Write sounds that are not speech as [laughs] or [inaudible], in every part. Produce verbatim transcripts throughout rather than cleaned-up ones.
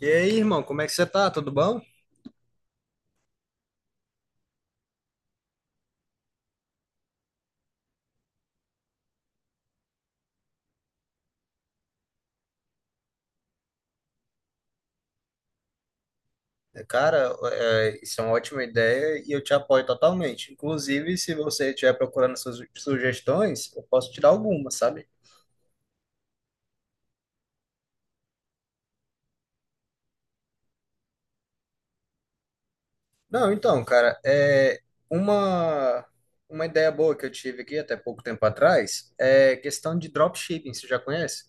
E aí, irmão, como é que você tá? Tudo bom? É, cara, é, isso é uma ótima ideia e eu te apoio totalmente. Inclusive, se você estiver procurando suas sugestões, eu posso te dar algumas, sabe? Não, então, cara, é uma, uma ideia boa que eu tive aqui até pouco tempo atrás é questão de dropshipping, você já conhece?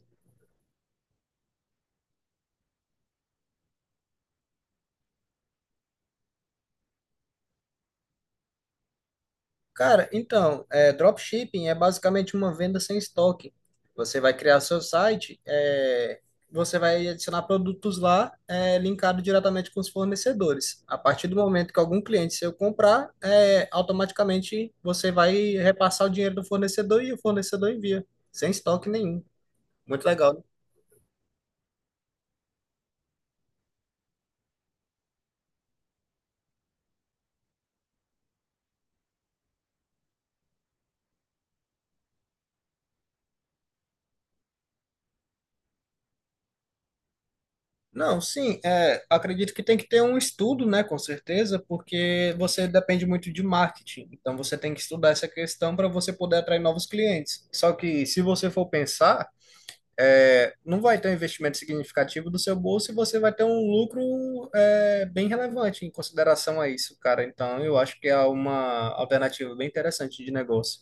Cara, então, é, dropshipping é basicamente uma venda sem estoque. Você vai criar seu site, é, você vai adicionar produtos lá, é, linkado diretamente com os fornecedores. A partir do momento que algum cliente seu comprar, é, automaticamente você vai repassar o dinheiro do fornecedor e o fornecedor envia, sem estoque nenhum. Muito legal, né? Não, sim, é, acredito que tem que ter um estudo, né, com certeza, porque você depende muito de marketing. Então você tem que estudar essa questão para você poder atrair novos clientes. Só que se você for pensar, é, não vai ter um investimento significativo do seu bolso e você vai ter um lucro é, bem relevante em consideração a isso, cara. Então eu acho que é uma alternativa bem interessante de negócio.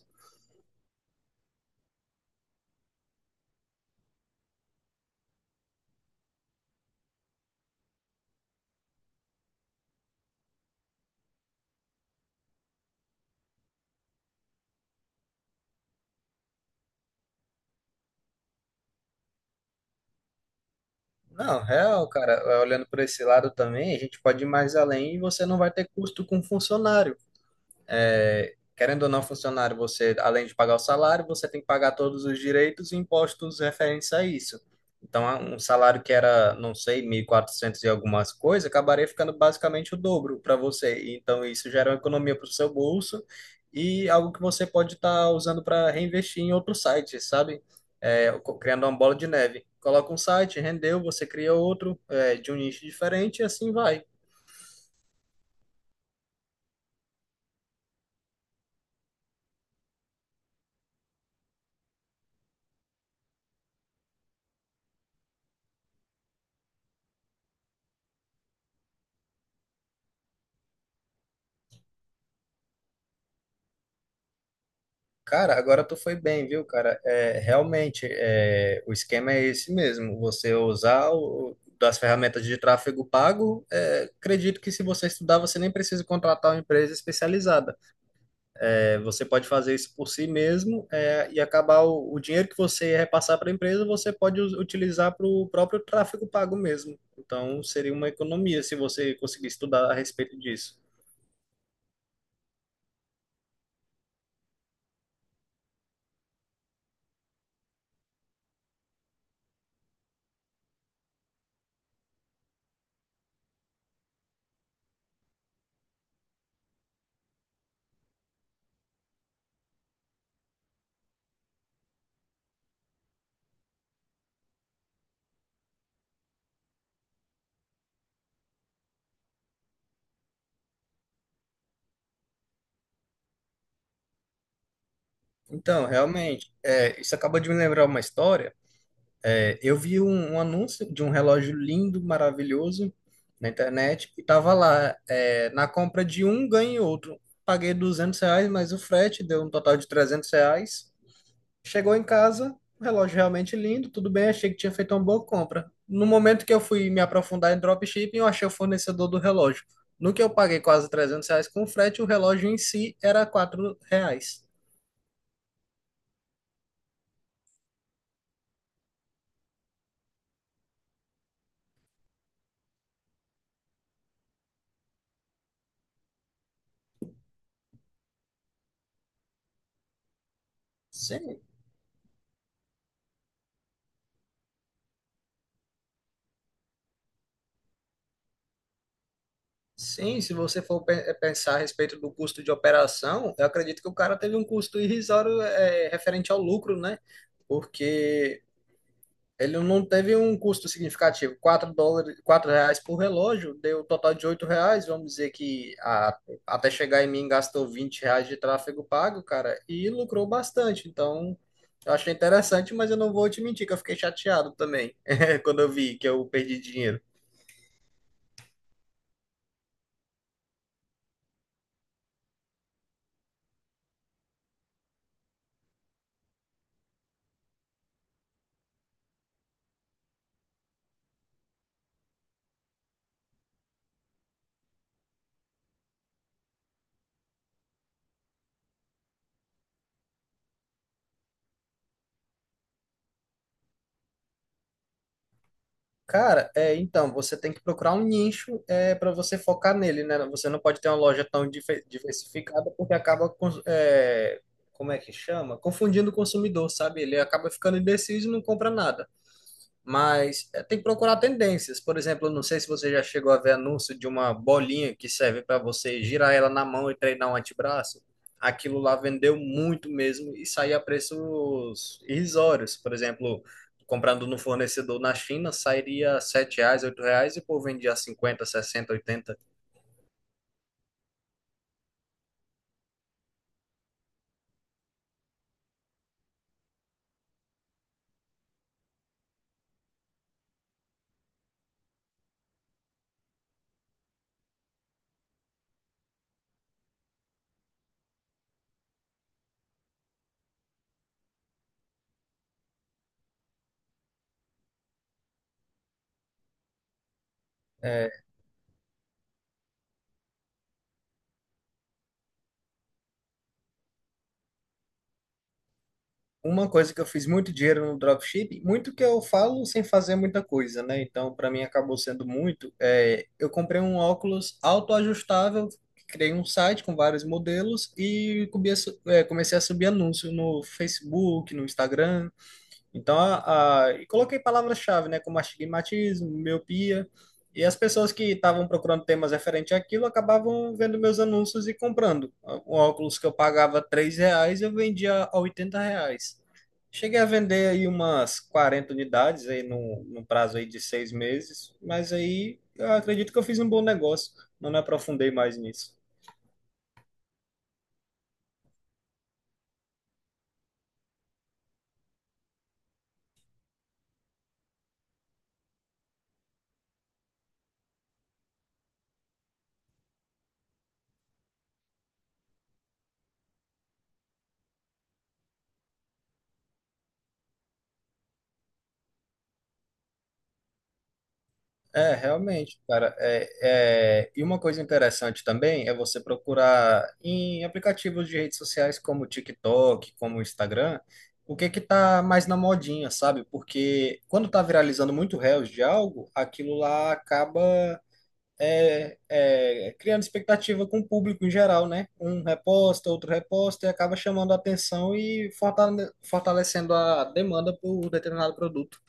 Não, real, cara, olhando por esse lado também, a gente pode ir mais além e você não vai ter custo com funcionário. Querendo ou não, funcionário, você, além de pagar o salário, você tem que pagar todos os direitos e impostos referentes a isso. Então, um salário que era, não sei, mil e quatrocentos e algumas coisas, acabaria ficando basicamente o dobro para você. Então, isso gera uma economia para o seu bolso e algo que você pode estar usando para reinvestir em outros sites, sabe? É, co- criando uma bola de neve. Coloca um site, rendeu, você cria outro, é, de um nicho diferente e assim vai. Cara, agora tu foi bem, viu, cara? É, realmente, é, o esquema é esse mesmo. Você usar o- das ferramentas de tráfego pago, é, acredito que se você estudar, você nem precisa contratar uma empresa especializada. É, você pode fazer isso por si mesmo, é, e acabar o, o dinheiro que você repassar para a empresa, você pode us- utilizar para o próprio tráfego pago mesmo. Então, seria uma economia se você conseguir estudar a respeito disso. Então, realmente, é, isso acaba de me lembrar uma história. É, Eu vi um, um anúncio de um relógio lindo, maravilhoso na internet e tava lá, é, na compra de um ganhei outro. Paguei duzentos reais, mas o frete deu um total de trezentos reais. Chegou em casa, o relógio realmente lindo, tudo bem, achei que tinha feito uma boa compra. No momento que eu fui me aprofundar em dropshipping, eu achei o fornecedor do relógio. No que eu paguei quase trezentos reais com o frete, o relógio em si era quatro reais. Sim, sim, se você for pe- eh, pensar a respeito do custo de operação, eu acredito que o cara teve um custo irrisório é, referente ao lucro, né? Porque ele não teve um custo significativo. Quatro dólares, quatro reais por relógio, deu um total de oito reais. Vamos dizer que a- até chegar em mim gastou vinte reais de tráfego pago, cara, e lucrou bastante. Então, eu achei interessante, mas eu não vou te mentir que eu fiquei chateado também [laughs] quando eu vi que eu perdi dinheiro. Cara, é, então, você tem que procurar um nicho é, para você focar nele, né? Você não pode ter uma loja tão dife- diversificada porque acaba, cons- é, como é que chama? Confundindo o consumidor, sabe? Ele acaba ficando indeciso e não compra nada, mas é, tem que procurar tendências. Por exemplo, eu não sei se você já chegou a ver anúncio de uma bolinha que serve para você girar ela na mão e treinar um antebraço. Aquilo lá vendeu muito mesmo e saía a preços irrisórios. Por exemplo, comprando no fornecedor na China, sairia sete reais, oito reais e o povo vendia cinquenta, sessenta, oitenta. Uma coisa que eu fiz muito dinheiro no dropship, muito que eu falo sem fazer muita coisa, né? Então, para mim acabou sendo muito. É, eu comprei um óculos autoajustável, criei um site com vários modelos e comecei, é, comecei a subir anúncio no Facebook, no Instagram. Então, a, a- e coloquei palavras-chave, né, como astigmatismo, miopia, e as pessoas que estavam procurando temas referentes àquilo acabavam vendo meus anúncios e comprando. Um óculos que eu pagava três reais, eu vendia a oitenta reais. Cheguei a vender aí umas quarenta unidades aí num, num prazo aí de seis meses, mas aí eu acredito que eu fiz um bom negócio, não me aprofundei mais nisso. É, realmente, cara. É, é, E uma coisa interessante também é você procurar em aplicativos de redes sociais como o TikTok, como o Instagram, o que é que tá mais na modinha, sabe? Porque quando tá viralizando muito reels de algo, aquilo lá acaba é, é, criando expectativa com o público em geral, né? Um reposta, outro reposta, e acaba chamando a atenção e fortale- fortalecendo a demanda por um determinado produto.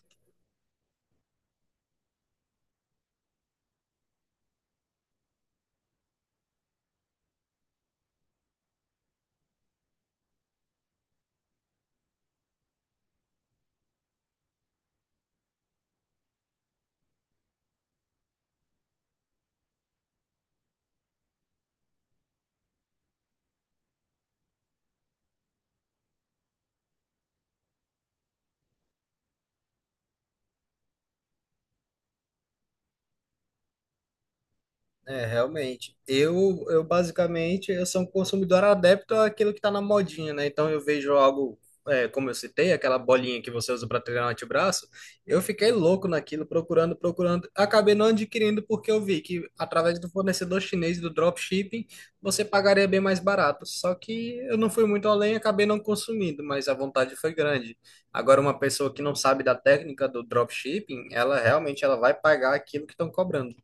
É, realmente. Eu, eu basicamente, eu sou um consumidor adepto àquilo que está na modinha, né? Então eu vejo algo, é, como eu citei, aquela bolinha que você usa para treinar o antebraço, eu fiquei louco naquilo, procurando, procurando. Acabei não adquirindo porque eu vi que através do fornecedor chinês do dropshipping, você pagaria bem mais barato. Só que eu não fui muito além, acabei não consumindo, mas a vontade foi grande. Agora, uma pessoa que não sabe da técnica do dropshipping, ela realmente ela vai pagar aquilo que estão cobrando.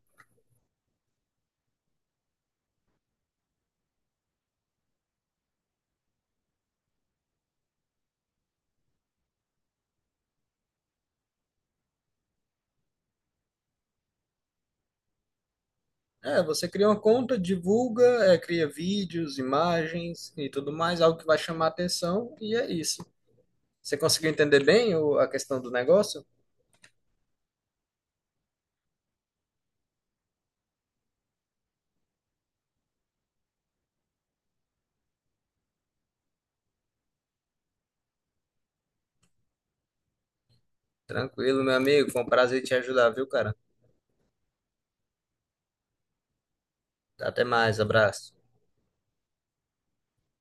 É, você cria uma conta, divulga, é, cria vídeos, imagens e tudo mais, algo que vai chamar atenção, e é isso. Você conseguiu entender bem o- a questão do negócio? Tranquilo, meu amigo, foi um prazer te ajudar, viu, cara? Até mais, abraço.